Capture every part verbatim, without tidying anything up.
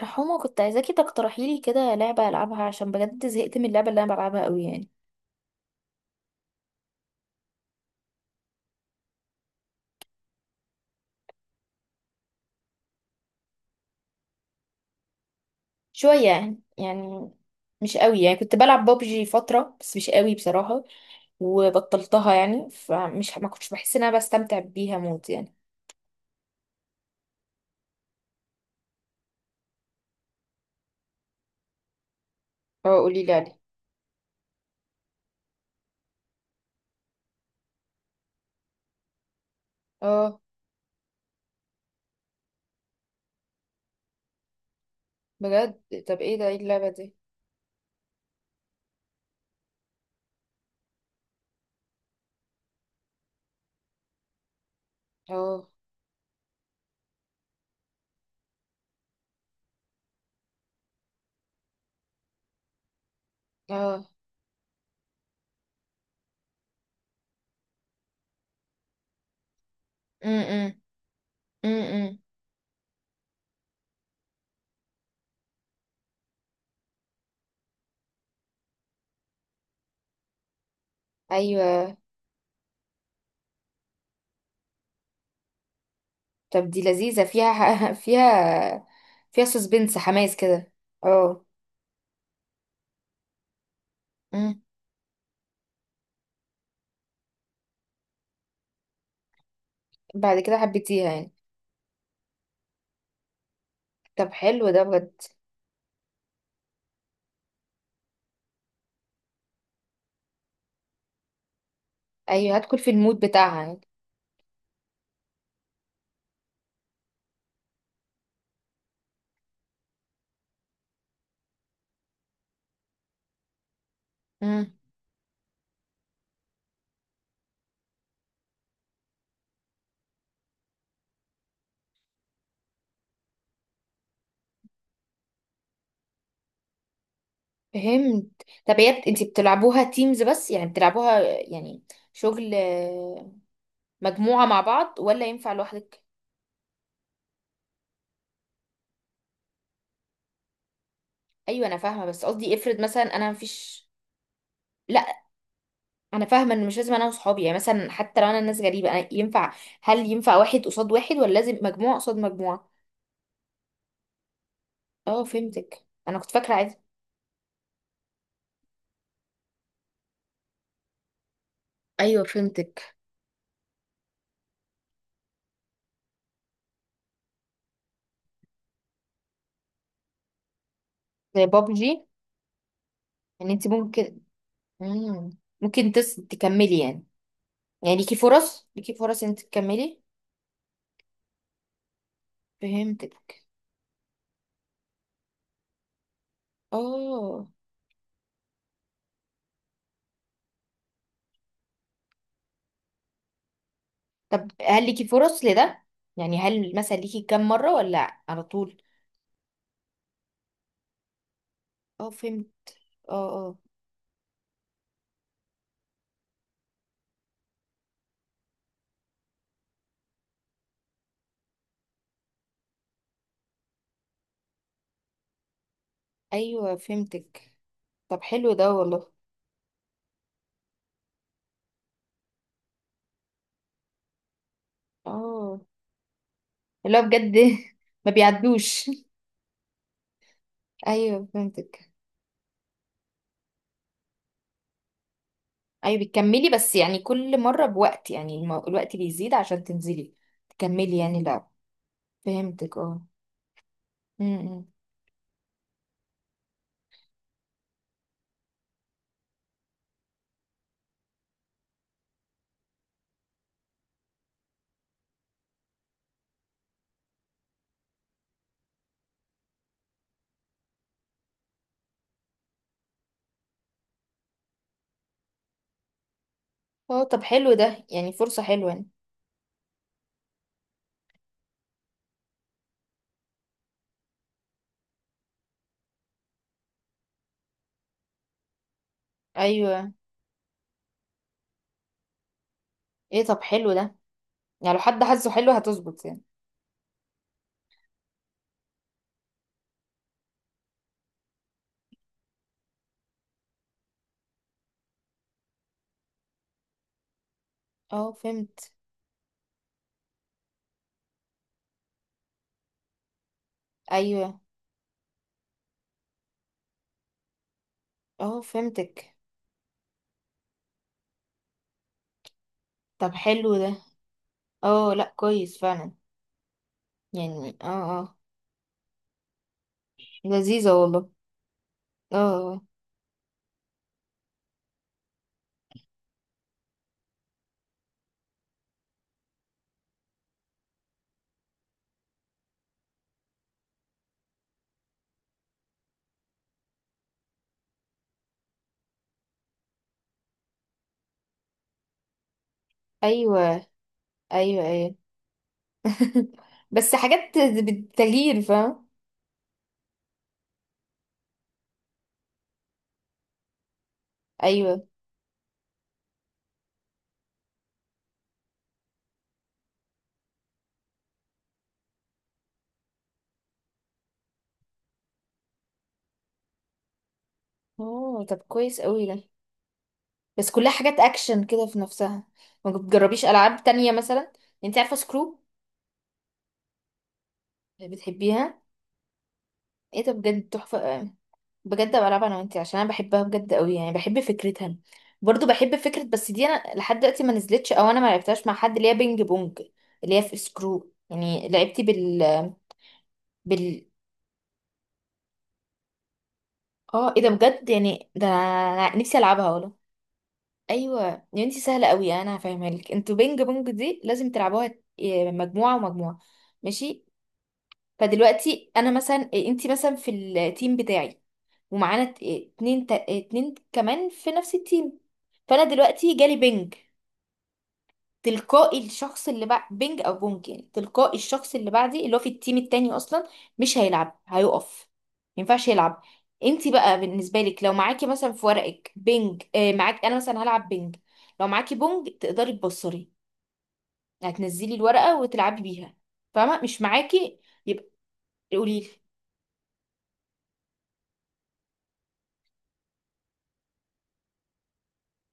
حمو، كنت عايزاكي تقترحي لي كده لعبة ألعبها عشان بجد زهقت من اللعبة اللي أنا بلعبها قوي يعني. شوية يعني يعني مش قوي يعني. كنت بلعب بابجي فترة بس مش قوي بصراحة وبطلتها يعني. فمش ما كنتش بحس إن أنا بستمتع بيها موت يعني. اه، قولي لي عليه. اه، بجد؟ طب، ايه ده ايه اللعبة دي؟ اه. اه. امم. امم. ايوه. طب، دي لذيذة، فيها فيها فيها سسبنس، حماس كده. اه. امم. بعد كده حبيتيها يعني؟ طب، حلو ده بجد. ايوه، هدخل في المود بتاعها يعني. امم. فهمت. طب، هي بت- انتي بتلعبوها تيمز بس، يعني بتلعبوها يعني شغل، آه، مجموعة مع بعض ولا ينفع لوحدك؟ ايوه، انا فاهمة، بس قصدي افرض مثلا انا مفيش. لا، انا فاهمة ان مش لازم انا وصحابي، يعني مثلا حتى لو انا ناس غريبة أنا ينفع. هل ينفع واحد قصاد واحد ولا لازم مجموعة قصاد مجموعة؟ اه، فهمتك، انا كنت فاكرة عادي. ايوه، فهمتك. زي بابجي. يعني انتي ممكن. مم. ممكن تس... تكملي يعني. يعني ليكي فرص ليكي فرص انت تكملي. فهمتك. اه. طب، هل ليكي فرص لده؟ يعني هل مثلا ليكي كام مرة ولا على طول؟ اه، فهمت. اه. اه. ايوه، فهمتك. طب، حلو ده والله. اه. اللي هو بجد ما بيعدوش. ايوه، فهمتك. ايوه، بتكملي، بس يعني كل مرة بوقت، يعني الم- الوقت بيزيد عشان تنزلي تكملي يعني. لا. فهمتك. اه. م- م. اه، طب حلو ده، يعني فرصة حلوة يعني. ايوه. ايه، طب حلو ده. يعني لو حد حاسه حلو هتظبط يعني. اه، فهمت. ايوه. اه، فهمتك. طب، حلو ده. اه، لا كويس فعلا. يعني اه. اه. لذيذة والله. اه. آه. اه. ايوه. ايوه. ايوه. بس حاجات بالتغيير، فاهم. ايوه. اه، طب كويس قوي ده. بس كلها حاجات اكشن كده في نفسها، ما بتجربيش العاب تانية مثلا؟ انت عارفة سكرو؟ بتحبيها؟ ايه ده بجد، تحفة. بجد، بلعب انا وانتي عشان انا بحبها بجد قوي، يعني بحب فكرتها. برضو بحب فكرة، بس دي انا لحد دلوقتي ما نزلتش، او انا ما لعبتهاش مع حد، اللي هي بينج بونج. اللي هي في سكرو، يعني لعبتي بال بال. اه، ايه ده بجد، يعني ده أنا نفسي العبها والله. ايوه. يا انتي، سهلة قوي، انا هفهمها لك. انتوا بينج بونج دي لازم تلعبوها، إيه، مجموعة ومجموعة. ماشي. فدلوقتي انا مثلا، إيه، انتي مثلا في التيم بتاعي، ومعانا ت- اتنين تا- اتنين كمان في نفس التيم. فانا دلوقتي جالي بنج. تلقائي الشخص اللي بعد بنج او بونج، يعني تلقائي الشخص اللي بعدي، اللي هو في التيم التاني اصلا، مش هيلعب، هيقف. ما ينفعش يلعب. انتي بقى بالنسبه لك لو معاكي مثلا في ورقك بنج، اه، معاك، انا مثلا هلعب بنج. لو معاكي بونج تقدري تبصري، هتنزلي الورقه وتلعبي بيها. فاهمه؟ مش معاكي، يبقى، قولي لي.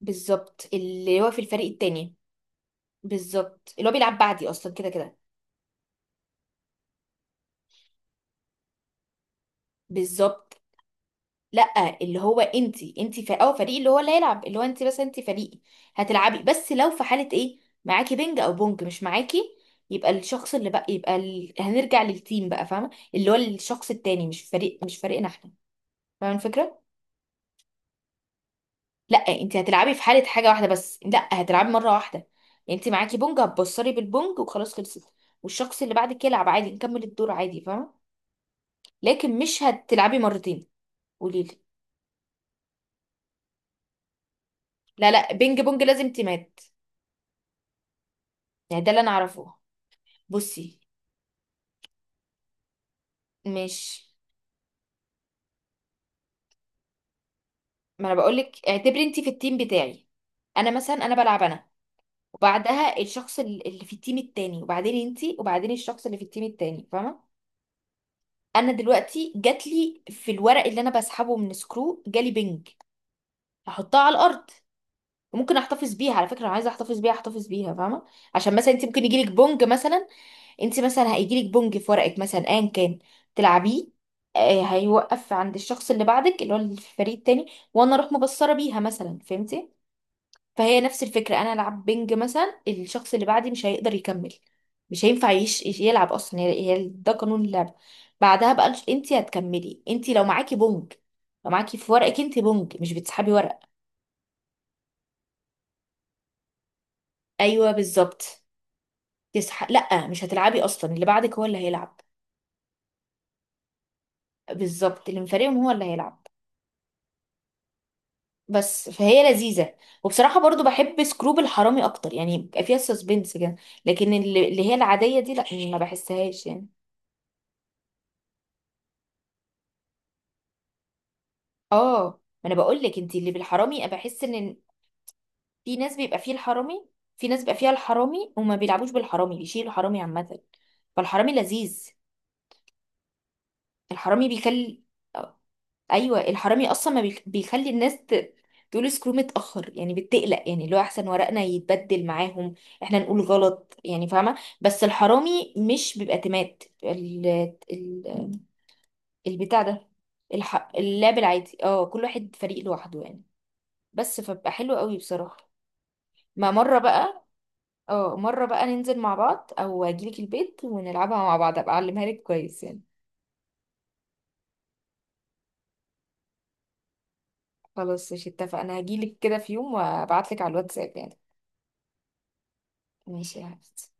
بالظبط، اللي هو في الفريق التاني. بالظبط، اللي هو بيلعب بعدي اصلا كده كده. بالظبط، لا، اللي هو انت، انت ف... او فريق، اللي هو اللي هيلعب، اللي هو انت، بس انت فريق هتلعبي. بس لو في حاله ايه معاكي بنج او بونج مش معاكي، يبقى الشخص اللي بقى يبقى ال... هنرجع للتيم بقى. فاهمه؟ اللي هو الشخص التاني، مش فريق، مش فريقنا احنا. فاهمه الفكره؟ لا، انت هتلعبي في حاله حاجه واحده بس، لا، هتلعبي مره واحده. انت معاكي بونج، هتبصري بالبونج وخلاص، خلصت. والشخص اللي بعدك يلعب عادي، نكمل الدور عادي. فاهمه؟ لكن مش هتلعبي مرتين. قولي لي. لا، لا، بينج بونج لازم تيمات. يعني ده اللي انا اعرفه. بصي. مش. ما انا بقولك، اعتبري انت في التيم بتاعي، انا مثلا، انا بلعب انا، وبعدها الشخص ال- اللي في التيم التاني، وبعدين انت، وبعدين الشخص اللي في التيم التاني. فاهمه؟ انا دلوقتي جات لي في الورق اللي انا بسحبه من سكرو، جالي بنج. هحطها على الارض، وممكن احتفظ بيها، على فكره، لو عايزه احتفظ بيها احتفظ بيها. فاهمه؟ عشان مثلا انت ممكن يجيلك بونج مثلا. انت مثلا هيجيلك بونج في ورقك مثلا ايا كان، تلعبيه. آه، هيوقف عند الشخص اللي بعدك، اللي هو اللي في الفريق التاني، وانا اروح مبصره بيها مثلا. فهمتي؟ فهي نفس الفكره. انا العب بينج مثلا، الشخص اللي بعدي مش هيقدر يكمل، مش هينفع يش... يش- يلعب اصلا. هي هي ده قانون اللعب. بعدها بقى انت هتكملي، انت لو معاكي بونج، لو معاكي في ورقك انت بونج مش بتسحبي ورق. ايوه، بالظبط. تسح... لا، مش هتلعبي اصلا، اللي بعدك هو اللي هيلعب. بالظبط، اللي من فريقهم هو اللي هيلعب. بس فهي لذيذة. وبصراحة برضو بحب سكروب الحرامي أكتر، يعني بيبقى فيها سسبنس كده. لكن اللي اللي هي العادية دي لأ، ما بحسهاش يعني. اه، ما أنا بقولك، انتي اللي بالحرامي، بحس إن في ناس بيبقى فيه الحرامي. في ناس بيبقى فيها الحرامي وما بيلعبوش بالحرامي، بيشيلوا الحرامي عامة. فالحرامي لذيذ. الحرامي بيكل. ايوه، الحرامي اصلا ما بيخ- بيخلي الناس ت- تقول سكرو متاخر، يعني بتقلق، يعني اللي هو احسن ورقنا يتبدل معاهم، احنا نقول غلط يعني. فاهمه؟ بس الحرامي مش بيبقى تمات، ال ال البتاع ده. الح... اللعب العادي، اه كل واحد فريق لوحده يعني. بس فبقى حلو قوي بصراحه. ما مره بقى. اه، مره بقى ننزل مع بعض، او اجيلك البيت ونلعبها مع بعض، ابقى اعلمها لك كويس يعني. خلاص، مش اتفقنا، هجيلك كده في يوم وابعتلك على الواتساب يعني. ماشي يا حبيبتي.